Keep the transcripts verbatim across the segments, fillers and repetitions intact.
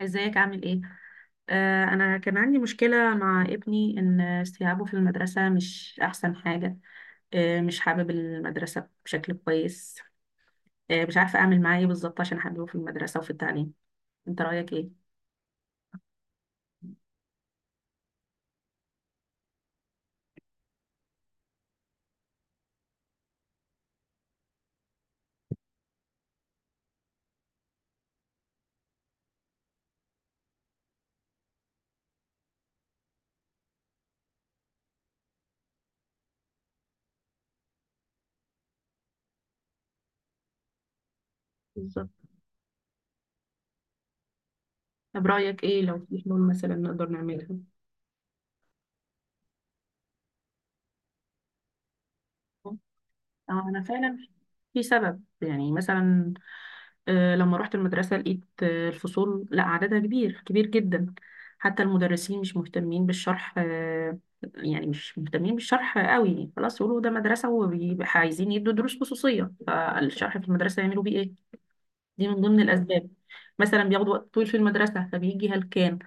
ازيك؟ عامل ايه؟ آه انا كان عندي مشكله مع ابني ان استيعابه في المدرسه مش احسن حاجه. آه مش حابب المدرسه بشكل كويس. آه مش عارفه اعمل معاه ايه بالظبط عشان احببه في المدرسه وفي التعليم. انت رايك ايه؟ بالظبط. طب رايك ايه لو في حلول مثلا نقدر نعملها؟ اه انا فعلا في سبب يعني مثلا، آه، لما رحت المدرسة لقيت، آه، الفصول لا عددها كبير، كبير جدا. حتى المدرسين مش مهتمين بالشرح، آه، يعني مش مهتمين بالشرح قوي. خلاص يقولوا ده مدرسة وبيبقى عايزين يدوا دروس خصوصية، فالشرح في المدرسة يعملوا بيه ايه؟ دي من ضمن الأسباب. مثلا بياخد وقت طويل في المدرسة فبيجي هلكان.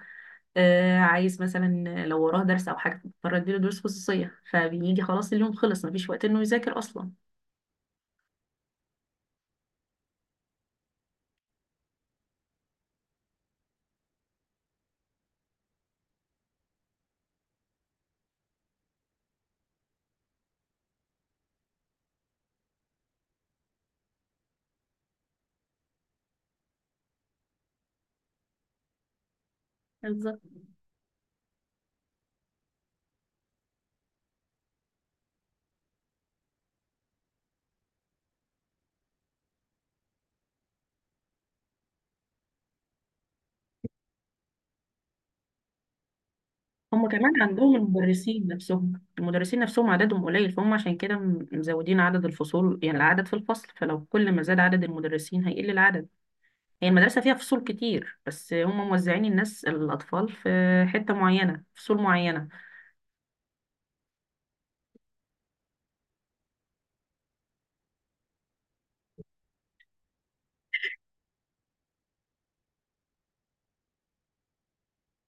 آه عايز مثلا، لو وراه درس أو حاجة فبضطر أديله دروس خصوصية، فبيجي خلاص، اليوم خلص، مفيش وقت إنه يذاكر أصلا. هم كمان عندهم المدرسين نفسهم. المدرسين نفسهم عددهم قليل، فهم عشان كده م- مزودين عدد الفصول، يعني العدد في الفصل، فلو كل ما زاد عدد المدرسين هيقل العدد. هي المدرسة فيها فصول كتير، بس هم موزعين الناس، الأطفال في حتة معينة، فصول معينة.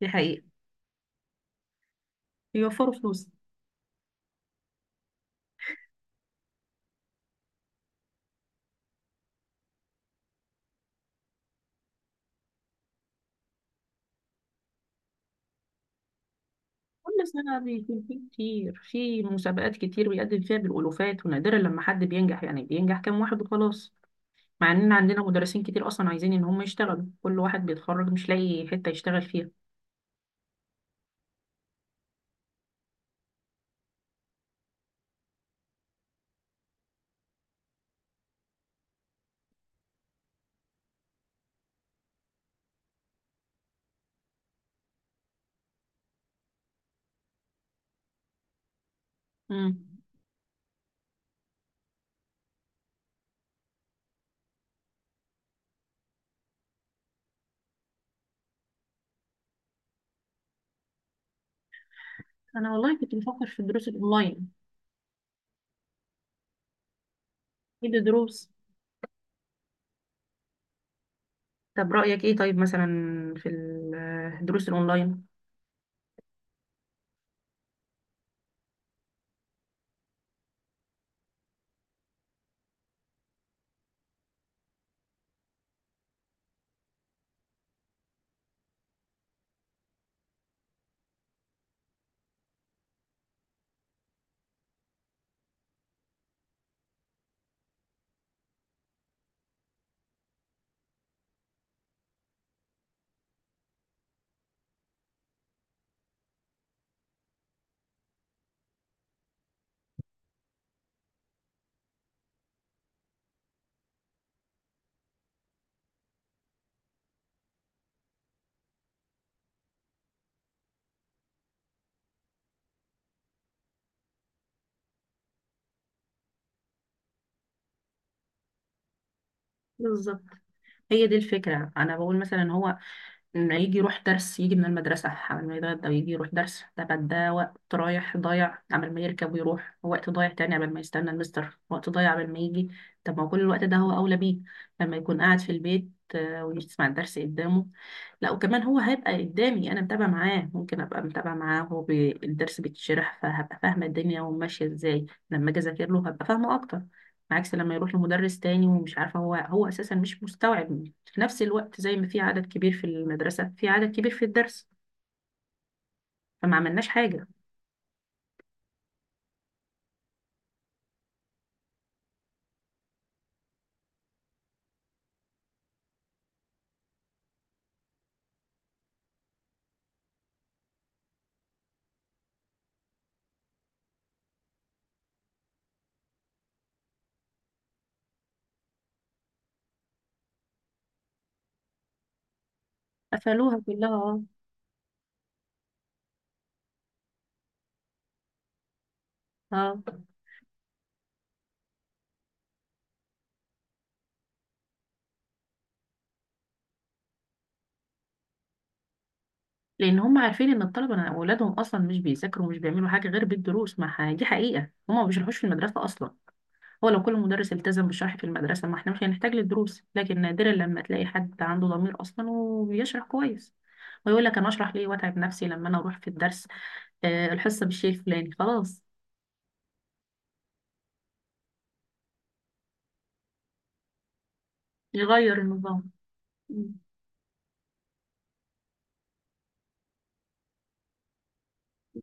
دي حقيقة. بيوفروا فلوس. كل سنة بيكون في كتير، في مسابقات كتير بيقدم فيها بالألوفات، ونادرا لما حد بينجح، يعني بينجح كام واحد وخلاص. مع إن عندنا مدرسين كتير أصلا عايزين إن هم يشتغلوا، كل واحد بيتخرج مش لاقي حتة يشتغل فيها. مم. انا والله كنت بفكر في الدروس الاونلاين. ايه ده، دروس؟ طب رأيك ايه طيب مثلا في ال- الدروس الاونلاين؟ بالظبط، هي دي الفكرة. انا بقول مثلا هو إنه يجي يروح درس، يجي من المدرسة قبل ما يتغدى ويجي يروح درس، طب ده وقت رايح ضايع قبل ما يركب ويروح، وقت ضايع تاني قبل ما يستنى المستر، وقت ضايع قبل ما يجي. طب ما هو كل الوقت ده هو أولى بيه لما يكون قاعد في البيت، آه، ويسمع الدرس قدامه. لا، وكمان هو هيبقى قدامي أنا متابعة معاه، ممكن أبقى متابعة معاه هو بي- الدرس بيتشرح، فهبقى فاهمة الدنيا وماشية إزاي. لما أجي أذاكر له هبقى فاهمة أكتر، عكس لما يروح لمدرس تاني ومش عارفة هو هو أساسا مش مستوعب. في نفس الوقت زي ما في عدد كبير في المدرسة، في عدد كبير في الدرس، فما عملناش حاجة. قفلوها كلها، اه. اه، لأن هم عارفين إن الطلبة أولادهم أصلا مش بيذاكروا ومش بيعملوا حاجة غير بالدروس. ما ح- دي حقيقة، هم ما بيشرحوش في المدرسة أصلا. هو لو كل مدرس التزم بالشرح في المدرسة ما احنا مش هنحتاج للدروس، لكن نادرا لما تلاقي حد عنده ضمير أصلا وبيشرح كويس. ويقول لك أنا أشرح ليه وأتعب نفسي، لما أنا أروح في الدرس، آه، الحصة بالشيء الفلاني خلاص. يغير النظام. مم.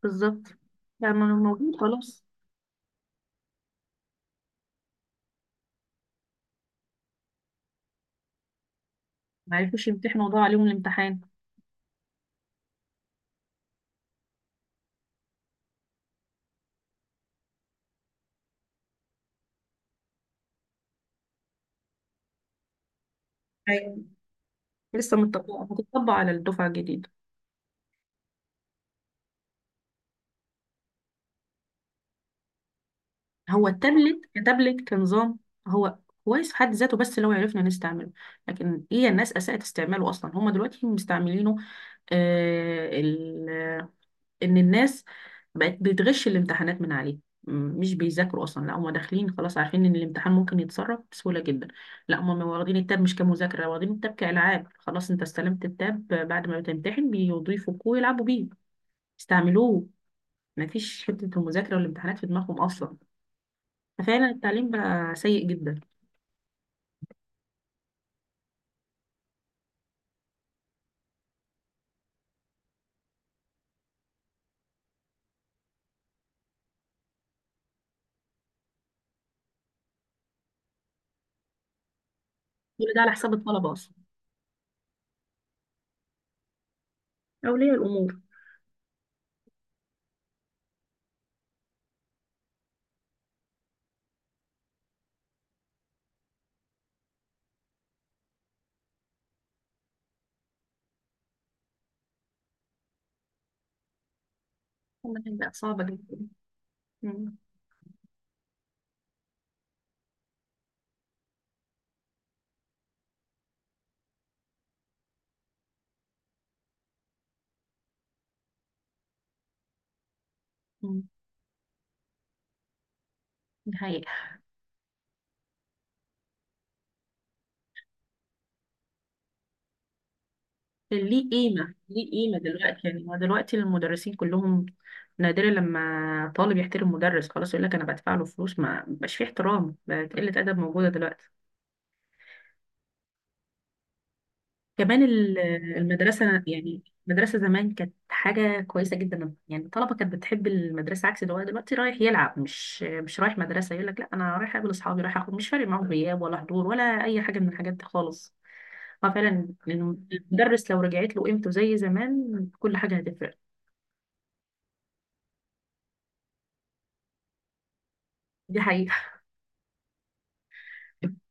بالظبط. يعني موجود خلاص. ما عرفوش يمتحنوا وضاع عليهم الامتحان. ايوه، لسه متطبقة، هتطبق على الدفعة الجديدة. هو التابلت كتابلت كنظام، هو كويس في حد ذاته بس لو عرفنا نستعمله، لكن هي الناس أساءت استعماله أصلا. هما دلوقتي مستعملينه، آه ال... إن الناس بقت بتغش الامتحانات من عليه. م- مش بيذاكروا أصلا، لا هما داخلين خلاص عارفين إن الامتحان ممكن يتسرب بسهولة جدا. لا هما واخدين التاب مش كمذاكرة، واخدين التاب كألعاب. خلاص أنت استلمت التاب، بعد ما بتمتحن بيضيفوا ويلعبوا بيه. استعملوه، مفيش حتة المذاكرة والامتحانات في دماغهم أصلا. ففعلا التعليم بقى سيء جدا. كل ده على حساب الطلبة أصلا، أولياء الأمور. كل حاجة بقت صعبة جدا. مم. مم. دي حقيقة. ليه قيمة؟ ليه قيمة دلوقتي؟ يعني هو دلوقتي المدرسين كلهم، نادرا لما طالب يحترم مدرس. خلاص يقول لك أنا بدفع له فلوس، ما بقاش فيه احترام، بقت قلة أدب موجودة دلوقتي. كمان ال- المدرسة يعني، المدرسة زمان كانت حاجة كويسة جدا، يعني الطلبة كانت بتحب المدرسة عكس دلوقتي. دلوقتي رايح يلعب، مش مش رايح مدرسة، يقول لك لا أنا رايح أقابل أصحابي، رايح أخد، مش فارق معاهم غياب ولا حضور ولا أي حاجة من الحاجات دي خالص. ففعلا المدرس لو رجعت له قيمته زي زمان كل حاجة هتفرق. دي حقيقة.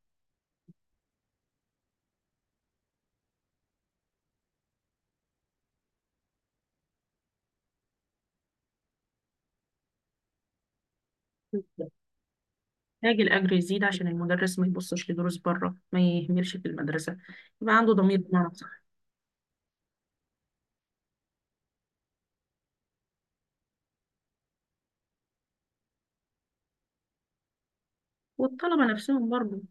محتاج الأجر يزيد عشان المدرس ما يبصش لدروس بره، ما يهملش في المدرسة، يبقى عنده ضمير بمعنى صح. والطلبة نفسهم برضه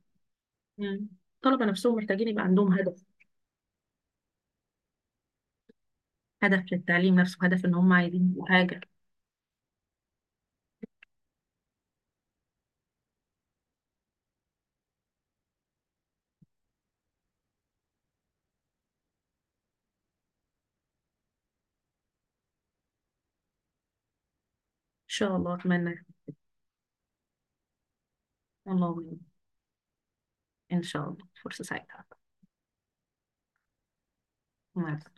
يعني، الطلبة نفسهم محتاجين يبقى عندهم هدف، هدف للتعليم نفسه، هدف ان هم عايزين يبقوا حاجة. ان شاء الله، اتمنى. الله يعين. ان شاء الله، فرصة سعيدة. مع السلامة.